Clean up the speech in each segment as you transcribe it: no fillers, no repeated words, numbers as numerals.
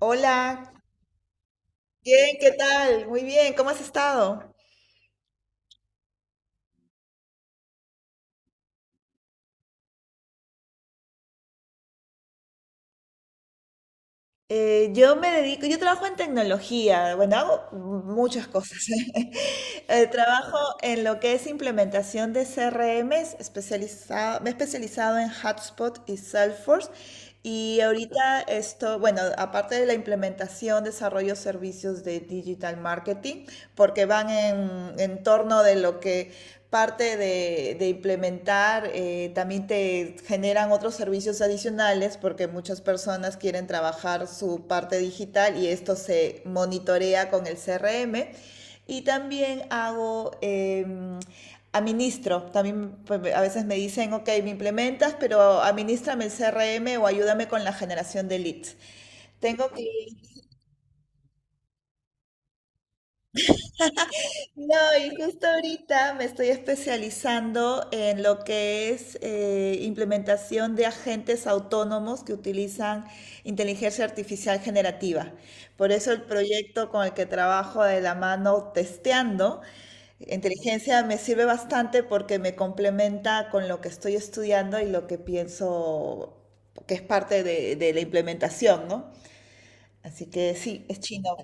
Hola, bien, ¿qué tal? Muy bien, ¿cómo has estado? Yo me dedico, yo trabajo en tecnología, bueno, hago muchas cosas. Trabajo en lo que es implementación de CRMs, especializado, me he especializado en Hotspot y Salesforce. Y ahorita esto, bueno, aparte de la implementación, desarrollo servicios de digital marketing, porque van en torno de lo que parte de implementar, también te generan otros servicios adicionales porque muchas personas quieren trabajar su parte digital y esto se monitorea con el CRM. Y también hago, administro, también pues, a veces me dicen, ok, me implementas, pero administrame el CRM o ayúdame con la generación de leads. Tengo que no, y justo ahorita me estoy especializando en lo que es implementación de agentes autónomos que utilizan inteligencia artificial generativa. Por eso el proyecto con el que trabajo de la mano testeando inteligencia me sirve bastante porque me complementa con lo que estoy estudiando y lo que pienso que es parte de la implementación, ¿no? Así que sí, es chino.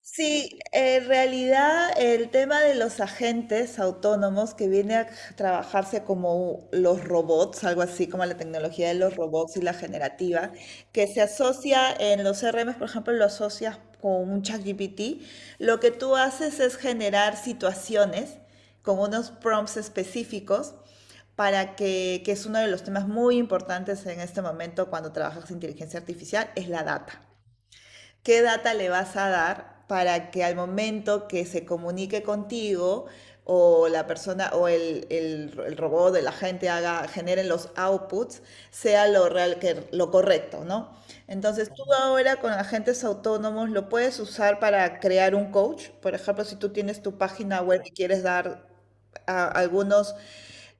Sí, en realidad el tema de los agentes autónomos que viene a trabajarse como los robots, algo así como la tecnología de los robots y la generativa, que se asocia en los CRM, por ejemplo, lo asocias con un ChatGPT, lo que tú haces es generar situaciones con unos prompts específicos para que es uno de los temas muy importantes en este momento cuando trabajas inteligencia artificial, es la data, qué data le vas a dar para que al momento que se comunique contigo o la persona o el robot el agente haga, generen los outputs, sea lo real que lo correcto, ¿no? Entonces tú ahora con agentes autónomos lo puedes usar para crear un coach, por ejemplo, si tú tienes tu página web y quieres dar a algunos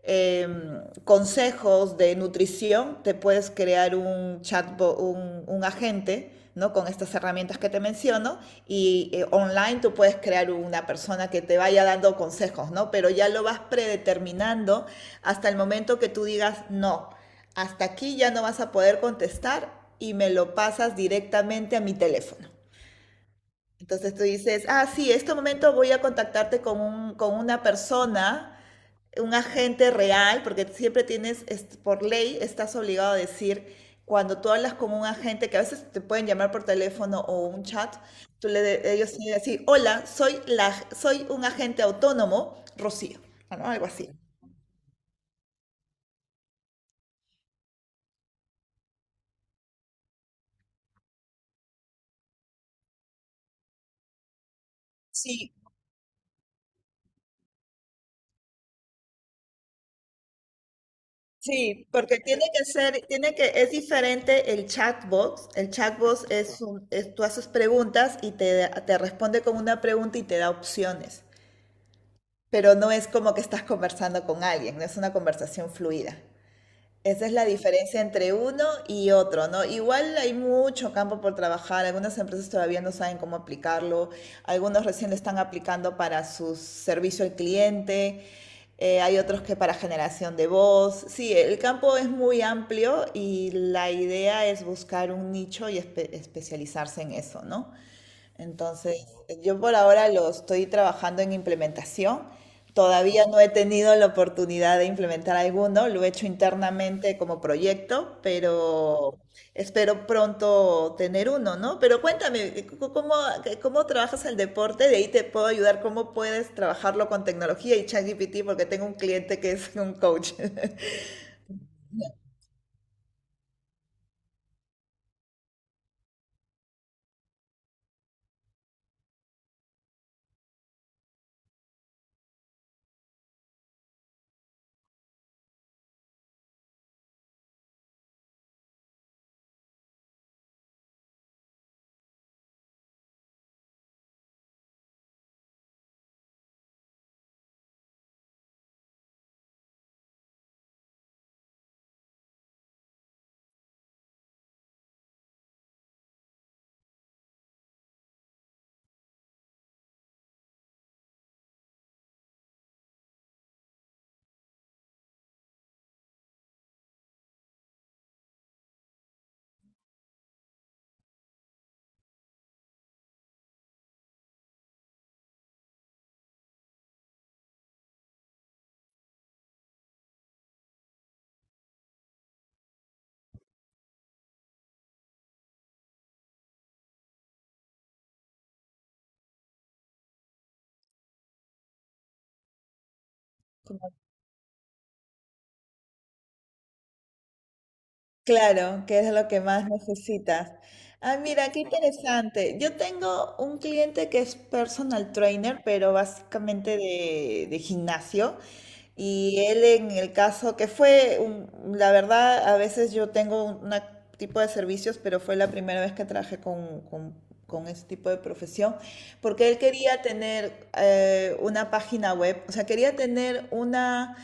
eh, consejos de nutrición, te puedes crear un chatbot, un agente, ¿no? Con estas herramientas que te menciono y online tú puedes crear una persona que te vaya dando consejos, ¿no? Pero ya lo vas predeterminando hasta el momento que tú digas, no, hasta aquí ya no vas a poder contestar y me lo pasas directamente a mi teléfono. Entonces tú dices, ah, sí, en este momento voy a contactarte con, un, con una persona, un agente real, porque siempre tienes, por ley, estás obligado a decir, cuando tú hablas con un agente, que a veces te pueden llamar por teléfono o un chat, tú le, ellos tienen que decir, hola, soy, la, soy un agente autónomo, Rocío, ¿no? Algo así. Sí, sí, porque tiene que ser, tiene que, es diferente el chatbot. El chatbot es, un, es tú haces preguntas y te responde con una pregunta y te da opciones. Pero no es como que estás conversando con alguien, no es una conversación fluida. Esa es la diferencia entre uno y otro, ¿no? Igual hay mucho campo por trabajar, algunas empresas todavía no saben cómo aplicarlo, algunos recién lo están aplicando para su servicio al cliente, hay otros que para generación de voz. Sí, el campo es muy amplio y la idea es buscar un nicho y especializarse en eso, ¿no? Entonces, yo por ahora lo estoy trabajando en implementación. Todavía no he tenido la oportunidad de implementar alguno, lo he hecho internamente como proyecto, pero espero pronto tener uno, ¿no? Pero cuéntame, ¿cómo, cómo trabajas el deporte? De ahí te puedo ayudar, ¿cómo puedes trabajarlo con tecnología y ChatGPT? Porque tengo un cliente que es un coach. Claro, que es lo que más necesitas. Ah, mira, qué interesante. Yo tengo un cliente que es personal trainer, pero básicamente de gimnasio. Y él en el caso que fue, un, la verdad, a veces yo tengo un una tipo de servicios, pero fue la primera vez que trabajé con ese tipo de profesión, porque él quería tener una página web, o sea, quería tener una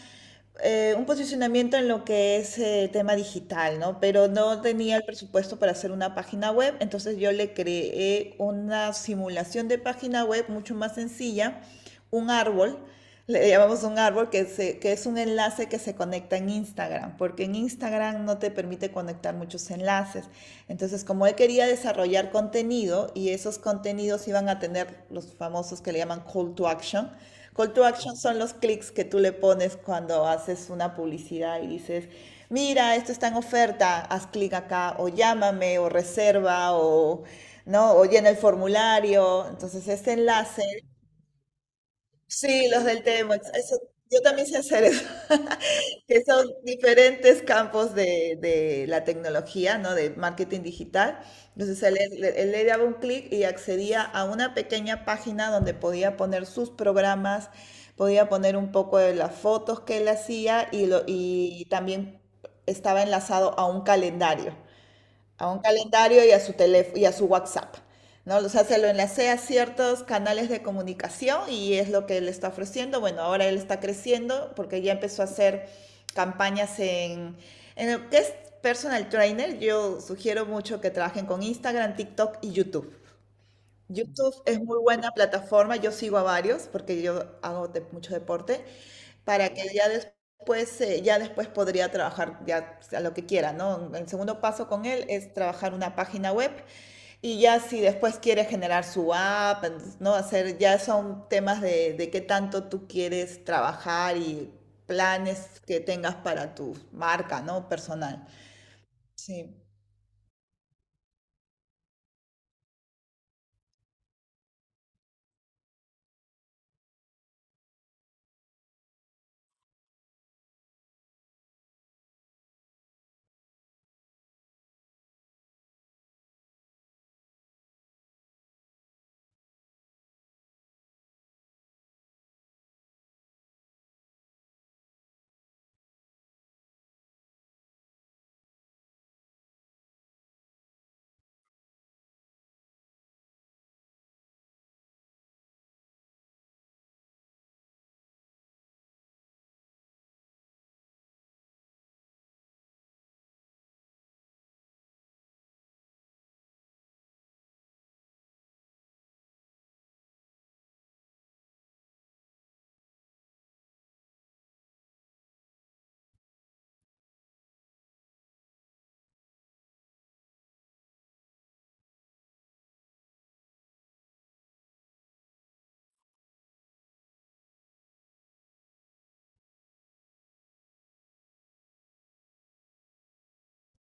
un posicionamiento en lo que es tema digital, ¿no? Pero no tenía el presupuesto para hacer una página web, entonces yo le creé una simulación de página web mucho más sencilla, un árbol, le llamamos un árbol, que, que es un enlace que se conecta en Instagram, porque en Instagram no te permite conectar muchos enlaces. Entonces, como él quería desarrollar contenido y esos contenidos iban a tener los famosos que le llaman call to action. Call to action son los clics que tú le pones cuando haces una publicidad y dices, mira, esto está en oferta, haz clic acá, o llámame, o reserva, o, ¿no? O llena el formulario. Entonces, este enlace sí, los del T-Max. Eso, yo también sé hacer eso, que son diferentes campos de la tecnología, ¿no? De marketing digital. Entonces él, él le daba un clic y accedía a una pequeña página donde podía poner sus programas, podía poner un poco de las fotos que él hacía y, lo, y también estaba enlazado a un calendario y a su teléfono y a su WhatsApp, ¿no? O sea, se lo enlacé a ciertos canales de comunicación y es lo que él está ofreciendo. Bueno, ahora él está creciendo porque ya empezó a hacer campañas en lo que es personal trainer. Yo sugiero mucho que trabajen con Instagram, TikTok y YouTube. YouTube es muy buena plataforma, yo sigo a varios porque yo hago mucho deporte, para que ya después podría trabajar ya a lo que quiera, ¿no? El segundo paso con él es trabajar una página web y ya si después quiere generar su app, entonces, ¿no? Hacer, ya son temas de qué tanto tú quieres trabajar y planes que tengas para tu marca, ¿no? Personal. Sí.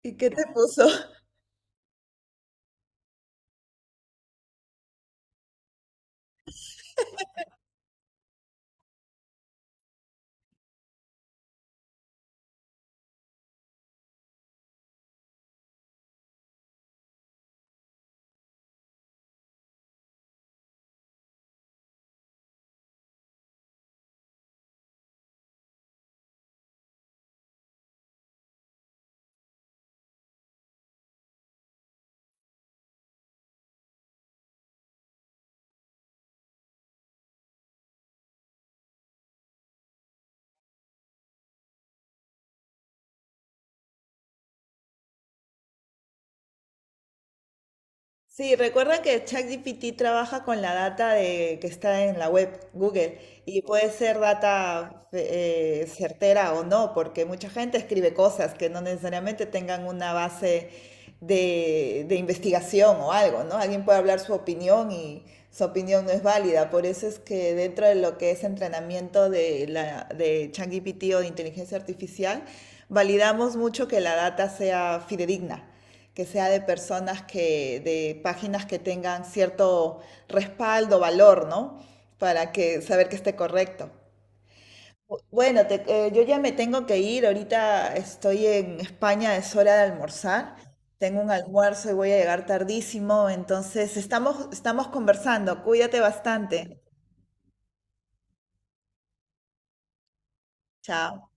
¿Y qué te puso? Sí, recuerda que ChatGPT trabaja con la data de, que está en la web Google y puede ser data certera o no, porque mucha gente escribe cosas que no necesariamente tengan una base de investigación o algo, ¿no? Alguien puede hablar su opinión y su opinión no es válida. Por eso es que dentro de lo que es entrenamiento de, la, de ChatGPT o de inteligencia artificial, validamos mucho que la data sea fidedigna, que sea de personas que, de páginas que tengan cierto respaldo, valor, ¿no? Para que saber que esté correcto. Bueno, yo ya me tengo que ir, ahorita estoy en España, es hora de almorzar, tengo un almuerzo y voy a llegar tardísimo, entonces estamos, estamos conversando, cuídate bastante, chao.